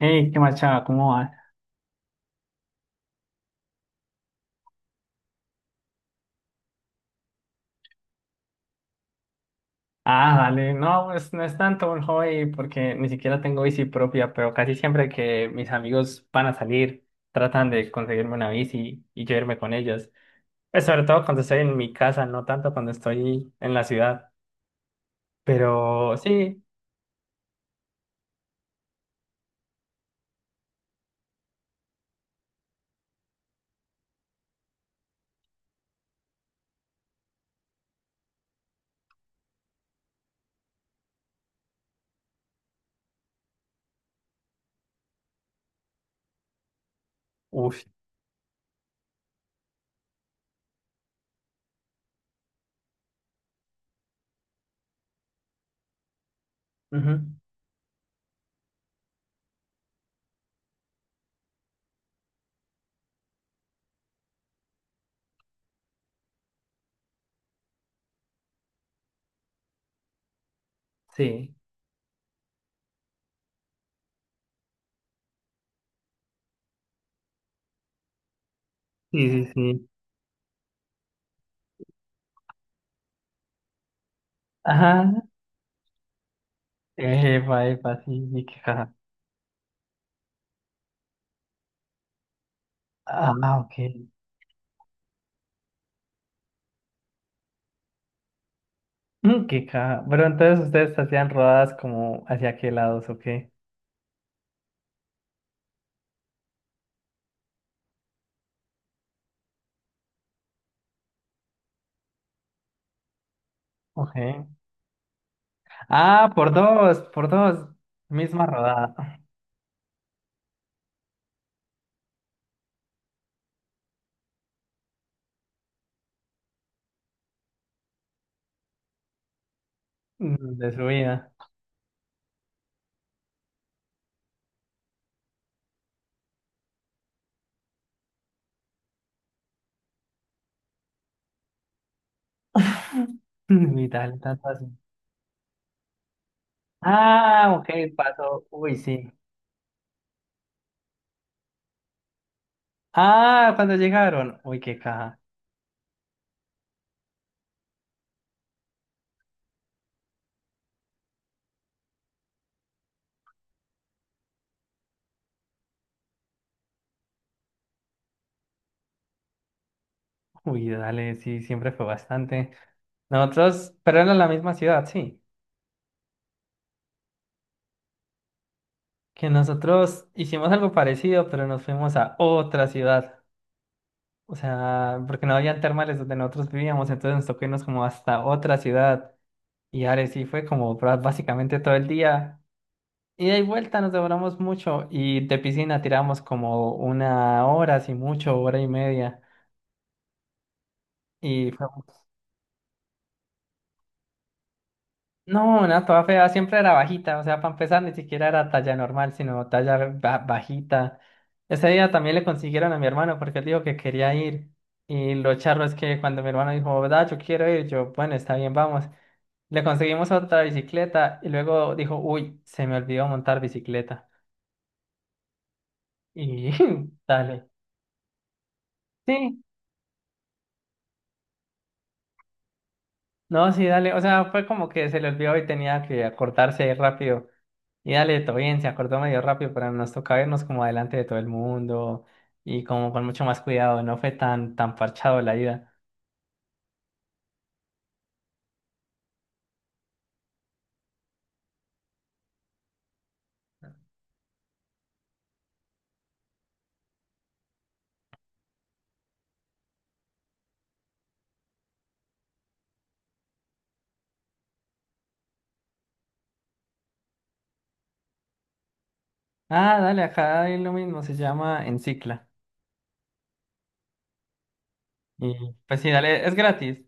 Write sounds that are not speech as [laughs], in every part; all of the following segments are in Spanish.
Hey, ¿qué más, chava? ¿Cómo vas? Ah, dale. No, pues no es tanto un hobby porque ni siquiera tengo bici propia, pero casi siempre que mis amigos van a salir, tratan de conseguirme una bici y yo irme con ellos. Pues sobre todo cuando estoy en mi casa, no tanto cuando estoy en la ciudad. Pero sí, uff. Sí, sí, sí, sí. Ajá. Epa, epa, sí, sí, qué caja. Ah, ok. Mm, qué caja. Pero entonces ustedes hacían rodadas como hacia qué lados, ¿o qué? Ok. Ah, por dos, por dos. Misma rodada. [laughs] Mm, de su vida. [laughs] Vital, tanto así. Ah, ok, pasó. Uy, sí. Ah, cuando llegaron. Uy, qué caja. Uy, dale, sí, siempre fue bastante. Nosotros, pero era la misma ciudad, sí. Que nosotros hicimos algo parecido, pero nos fuimos a otra ciudad. O sea, porque no habían termales donde nosotros vivíamos, entonces nos tocó irnos como hasta otra ciudad. Y ahora sí fue como básicamente todo el día. Ida y vuelta nos demoramos mucho y de piscina tiramos como una hora, si mucho, hora y media. Y fue... No, una toda fea, siempre era bajita, o sea, para empezar ni siquiera era talla normal, sino talla bajita. Ese día también le consiguieron a mi hermano porque él dijo que quería ir. Y lo charro es que cuando mi hermano dijo, da, yo quiero ir, yo, bueno, está bien, vamos. Le conseguimos otra bicicleta y luego dijo, uy, se me olvidó montar bicicleta. Y [laughs] dale. Sí, no, sí, dale. O sea, fue como que se le olvidó y tenía que acordarse rápido. Y dale, todo bien, se acordó medio rápido, pero nos tocaba irnos como adelante de todo el mundo y como con mucho más cuidado. No fue tan parchado la ida. Ah, dale, acá hay lo mismo, se llama Encicla. Y pues sí, dale, es gratis.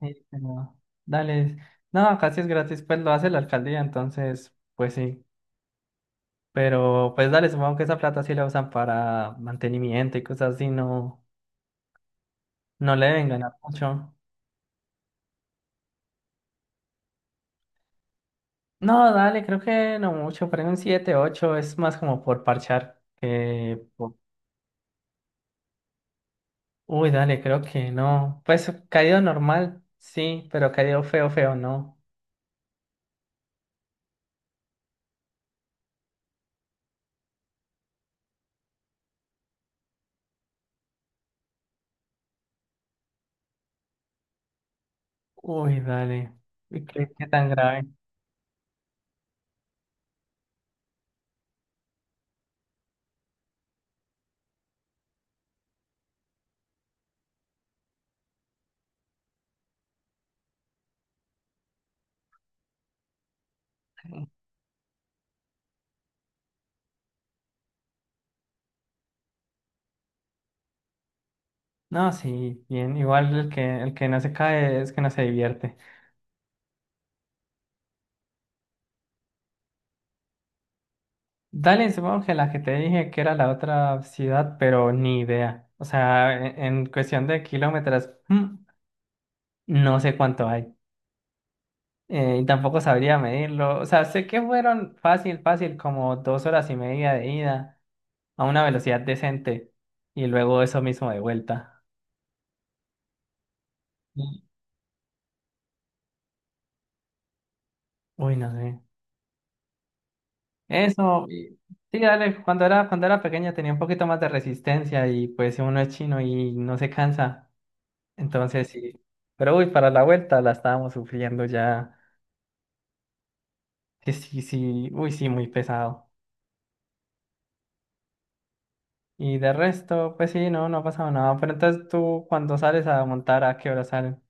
Sí, pero dale. No, acá sí es gratis, pues lo hace la alcaldía, entonces, pues sí. Pero pues dale, supongo que esa plata sí la usan para mantenimiento y cosas así, no, no le deben ganar mucho. No, dale, creo que no mucho, pero en un 7, 8, es más como por parchar. Uy, dale, creo que no. Pues caído normal, sí, pero caído feo, feo, no. Uy, dale. ¿Y qué tan grave? No, sí, bien. Igual el que no se cae es que no se divierte. Dale, supongo que la que te dije que era la otra ciudad, pero ni idea. O sea, en cuestión de kilómetros, mm, no sé cuánto hay. Y tampoco sabría medirlo. O sea, sé que fueron fácil, fácil, como 2 horas y media de ida a una velocidad decente y luego eso mismo de vuelta. Y- Uy, no sé. Eso, y- sí, dale, cuando era pequeña tenía un poquito más de resistencia y pues uno es chino y no se cansa. Entonces sí. Pero uy, para la vuelta la estábamos sufriendo ya. Sí, sí, sí, uy, sí, muy pesado. Y de resto, pues sí, no, no ha pasado nada. Pero entonces tú cuando sales a montar, ¿a qué hora salen?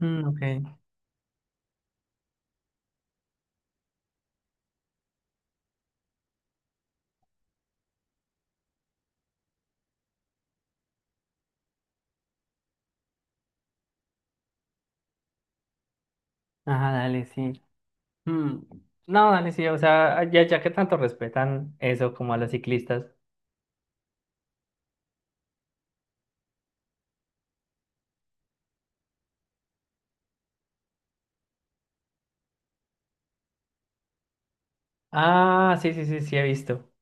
Mm, ok. Ajá, dale, sí. Mm, no, dale, sí. O sea, ya, ya que tanto respetan eso como a los ciclistas. Ah, sí, sí, sí, sí, he visto.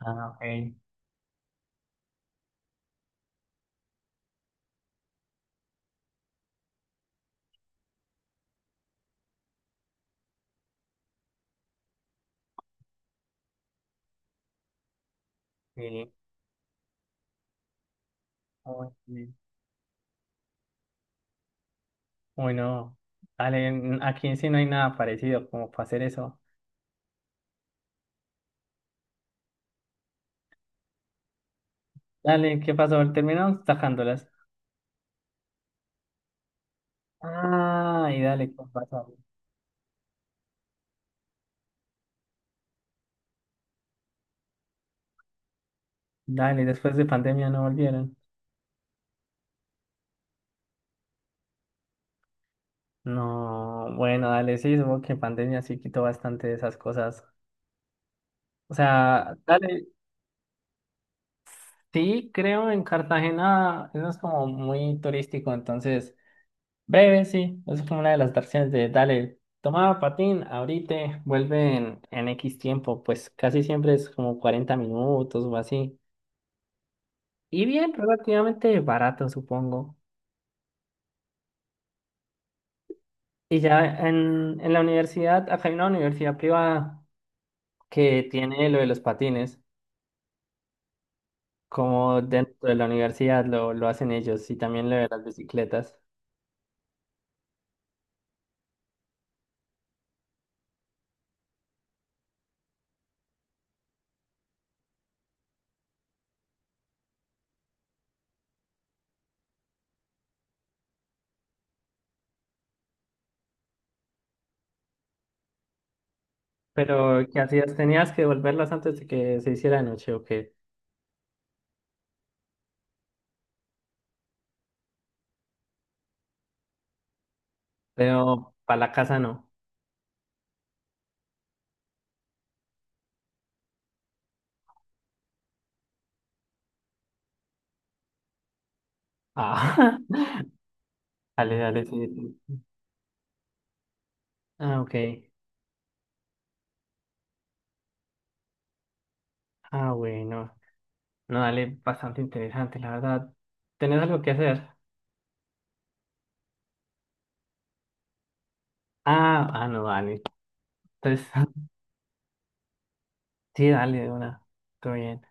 Ah, ok. Sí. Uy, sí. Uy, no. Dale, aquí sí no hay nada parecido como para hacer eso. Dale, ¿qué pasó? Terminaron tajándolas. Ah, y dale, ¿qué pasó? Dale, después de pandemia no volvieron. No, bueno, dale, sí, supongo que pandemia sí quitó bastante de esas cosas. O sea, dale, sí, creo en Cartagena, eso es como muy turístico, entonces, breve, sí, eso es como una de las atracciones de, dale, toma patín, ahorita, vuelve en X tiempo, pues casi siempre es como 40 minutos o así. Y bien, relativamente barato, supongo. Y ya en la universidad, acá hay una universidad privada que tiene lo de los patines, como dentro de la universidad lo hacen ellos, y también lo de las bicicletas. Pero, ¿qué hacías? ¿Tenías que devolverlas antes de que se hiciera de noche o qué? Pero, para la casa no. Ah, [laughs] dale, dale, sí. Sí. Ah, ok. Ah, bueno. No, dale, bastante interesante, la verdad. ¿Tenés algo que hacer? Ah, ah, no, dale. Entonces, [laughs] sí, dale, de una. Todo bien.